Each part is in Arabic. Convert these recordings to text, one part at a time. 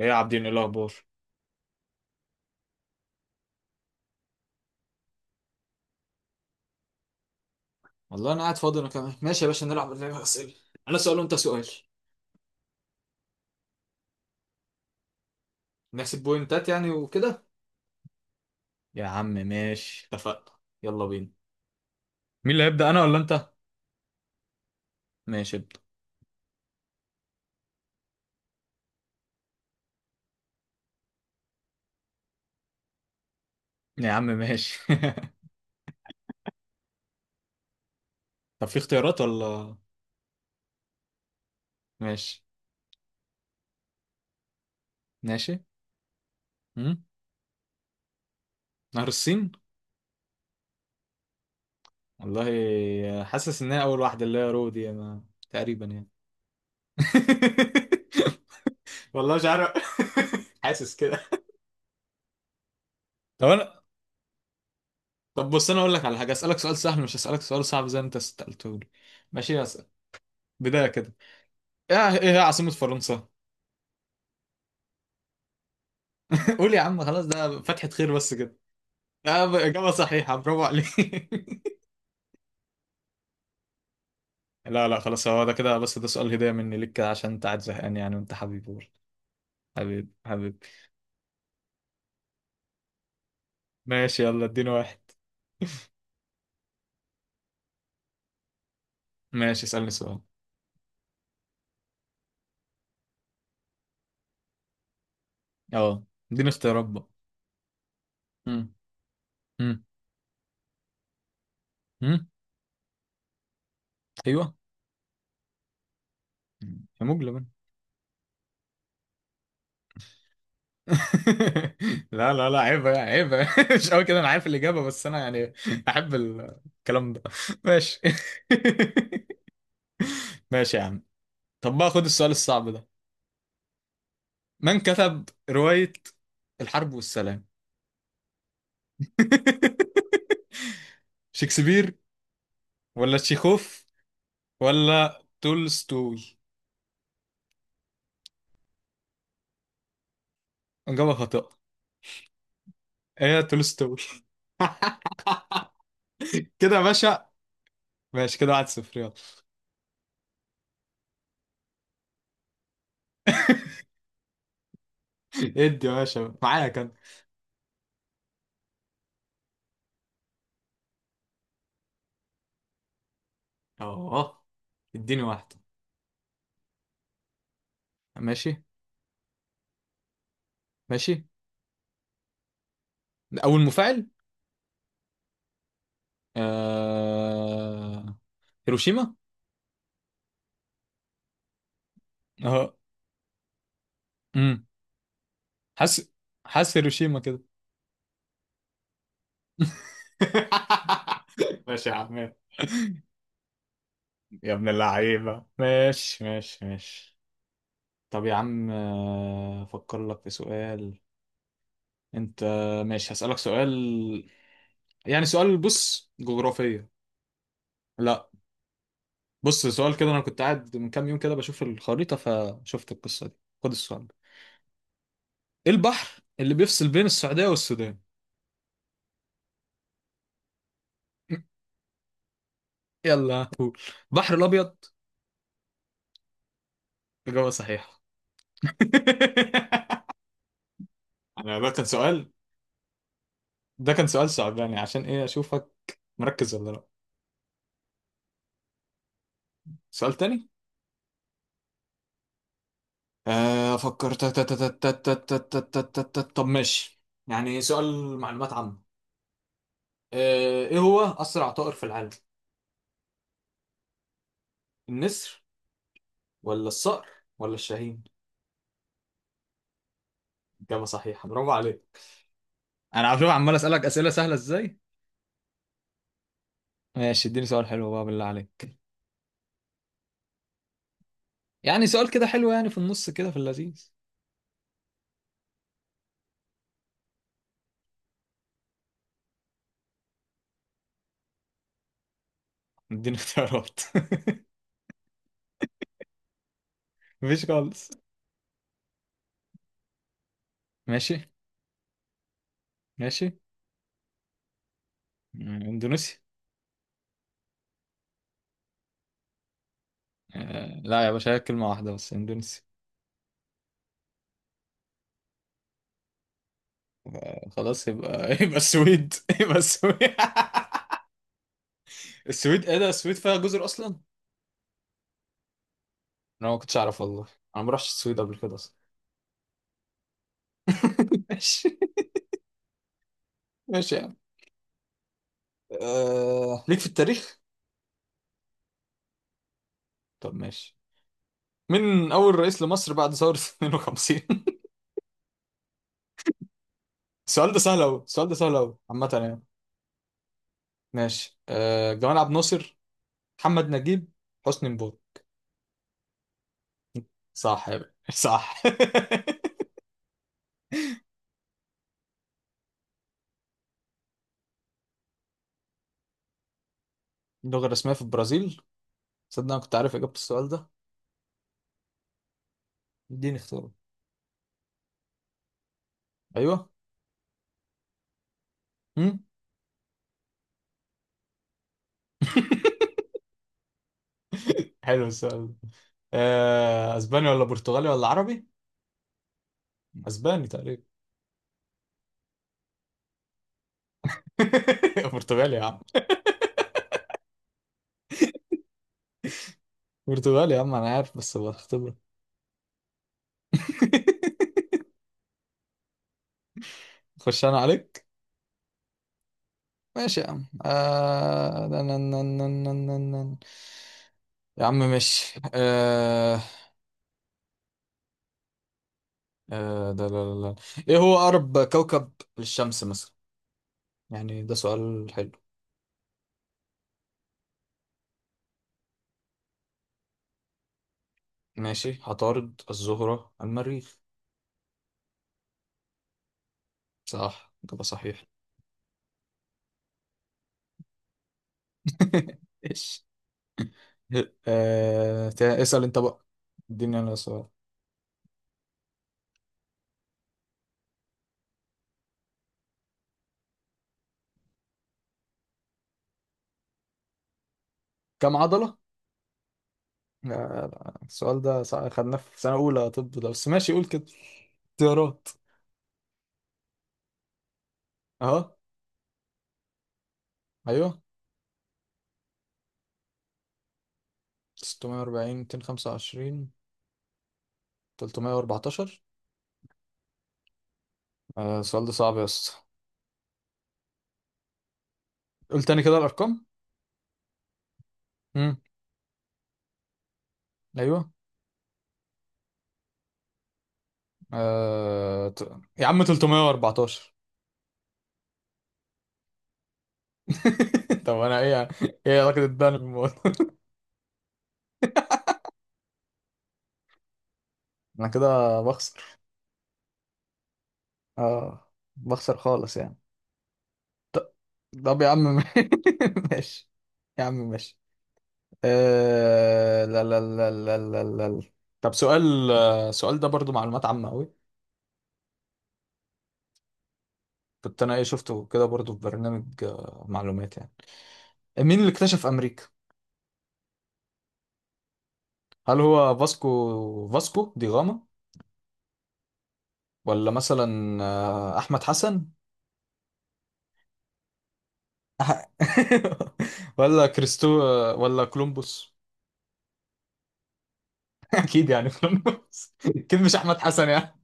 ايه يا عابدين، ايه الاخبار؟ والله انا قاعد فاضي، انا كمان ماشي يا باشا، نلعب لعبه اسئله. انا سؤال وانت سؤال. نحسب بوينتات يعني وكده. يا عم ماشي، اتفقنا، يلا بينا. مين اللي هيبدا، انا ولا انت؟ ماشي ابدا. يا عم ماشي طب في اختيارات ولا؟ ماشي. ماشي. امم نهر الصين. والله حاسس ان هي اول واحده، اللي هي رو دي انا، تقريبا يعني. والله مش عارف. حاسس كده. طب انا، طب بص انا اقول لك على حاجه، اسالك سؤال سهل، مش هسالك سؤال صعب زي ما انت سالته لي. ماشي اسال. بدايه كده، ايه ايه هي عاصمه فرنسا؟ قول يا عم، خلاص، ده فتحه خير بس كده. اجابه صحيحه، برافو عليك. لا لا خلاص، هو ده كده بس، ده سؤال هديه مني ليك كده عشان انت قاعد زهقان يعني، وانت حبيبي برضه. حبيبي حبيبي. ماشي يلا اديني واحد. ماشي اسالني سؤال. اه اديني اختيارات بقى. امم امم امم ايوه. هيموجلوبين. لا لا لا، عيب عيب. مش قوي كده، انا عارف الاجابه، بس انا يعني احب الكلام ده. ماشي. ماشي يا عم. طب بقى خد السؤال الصعب ده. من كتب روايه الحرب والسلام؟ شكسبير ولا تشيخوف ولا تولستوي؟ اجابه خاطئه. ايه تولستوي. كده يا باشا. ماشي كده، واحد صفر، يلا. ادي يا باشا، معايا كان. اه اديني واحده. ماشي. ماشي. أول مفاعل، آه... هيروشيما. اه. امم حاسس، حاسس هيروشيما كده. ماشي يا عم. يا ابن اللعيبة، ماشي ماشي ماشي. طب يا عم، أفكر لك في سؤال. أنت، ماشي هسألك سؤال، يعني سؤال بص جغرافية. لا بص، سؤال كده، أنا كنت قاعد من كام يوم كده بشوف الخريطة فشفت القصة دي. خد السؤال ده: إيه البحر اللي بيفصل بين السعودية والسودان؟ يلا قول. بحر الابيض. اجابه صحيحه. انا ده كان سؤال. ده كان سؤال صعباني عشان ايه، اشوفك مركز ولا لا. سؤال تاني. آه، افكر تا- تا- تا- تا- تا- تا- تا- تا- تا- تا- تا- طب ماشي، يعني سؤال معلومات عامة. ايه هو اسرع طائر في العالم؟ النسر ولا الصقر ولا الشاهين؟ اجابة صحيحة، برافو عليك. انا عارف عمال اسالك اسئله سهله ازاي. ماشي اديني سؤال حلو بقى، بالله عليك. يعني سؤال كده حلو، يعني في النص كده، في اللذيذ. اديني اختيارات. مفيش خالص. ماشي. ماشي. مم، اندونيسيا. آه لا يا باشا، هي كلمة واحدة بس، اندونيسيا. خلاص يبقى يبقى السويد يبقى السويد. السويد؟ ايه ده، السويد فيها جزر اصلا؟ انا ما كنتش اعرف والله. انا ما رحتش السويد قبل كده اصلا. ماشي. ماشي يعني. ليك في التاريخ. طب ماشي. مين اول رئيس لمصر بعد ثورة 52؟ السؤال ده سهل قوي، السؤال ده سهل قوي عامة يعني. ماشي. جمال عبد الناصر، محمد نجيب، حسني مبارك. صح يا باشا، صح. اللغة الرسمية في البرازيل؟ صدق أنا كنت عارف إجابة السؤال ده. اديني اختيارات. أيوه. هم؟ حلو السؤال ده. أسباني ولا برتغالي ولا عربي؟ أسباني تقريبا. برتغالي يا عم. برتغالي يا عم، أنا عارف بس بختبرك. خش أنا عليك. ماشي يا عم. آه... نن- نن- نن- نن- نن- نن. يا عم ماشي آه... آه... ده لا لا لا. إيه هو أقرب كوكب للشمس مثلا؟ يعني ده سؤال حلو. ماشي: عطارد، الزهرة، المريخ. صح، إجابة صحيح. إيش. اسأل أنت بقى. اديني أنا سؤال. كم عضلة؟ لا لا، خدناه في سنة أولى طب ده، بس ماشي قول كده. اختيارات. أهو. أيوه. 640، 225، 314. آه السؤال ده صعب يا اسطى. قول تاني كده الأرقام. امم أيوه. آه... ت... يا عم 314. طب أنا إيه، إيه علاقة الدم بالموضوع؟ أنا كده بخسر. اه بخسر خالص يعني. ط- طب يا عم. ماشي. يا عم ماشي. آه... لا لا لا لا لا لا لا. طب سؤال، سؤال ده برضو معلومات عامة قوي. كنت انا ايه شفته كده برضو في برنامج معلومات يعني. مين اللي اكتشف امريكا؟ هل هو فاسكو، فاسكو دي غاما، ولا مثلا احمد حسن، أح- ولا كريستو آه، ولا كولومبوس؟ اكيد يعني كولومبوس، اكيد مش احمد حسن يعني.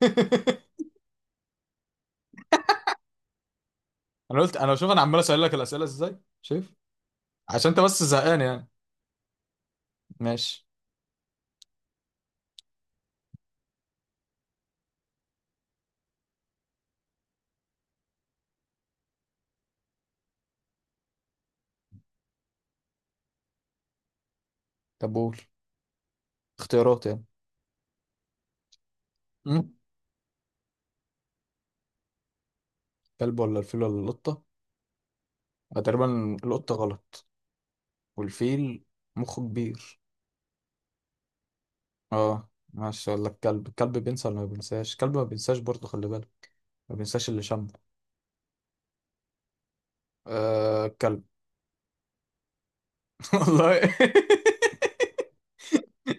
انا قلت انا شوف، انا عمال اسال لك الاسئله ازاي شايف. عشان انت بس زهقان يعني. ماشي. طب قول اختيارات يعني. أمم. كلب ولا الفيل ولا القطه؟ تقريبا القطه غلط، والفيل مخه كبير. اه ماشي، ولا الكلب؟ الكلب بينسى ولا ما بينساش؟ الكلب ما بينساش برضه، خلي بالك، ما بينساش اللي شمه. آه الكلب. والله.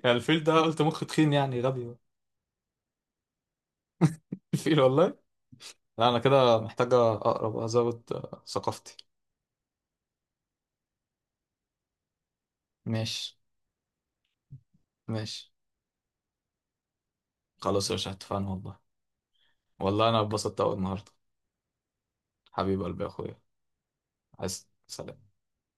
الفيل ده قلت مخ تخين يعني، غبي بقى. الفيل والله. لا انا كده محتاجه اقرا بقى، ازود ثقافتي. ماشي. ماشي. خلاص يا باشا، اتفقنا والله. والله انا اتبسطت اول النهارده. حبيب قلبي يا اخويا. عايز سلام.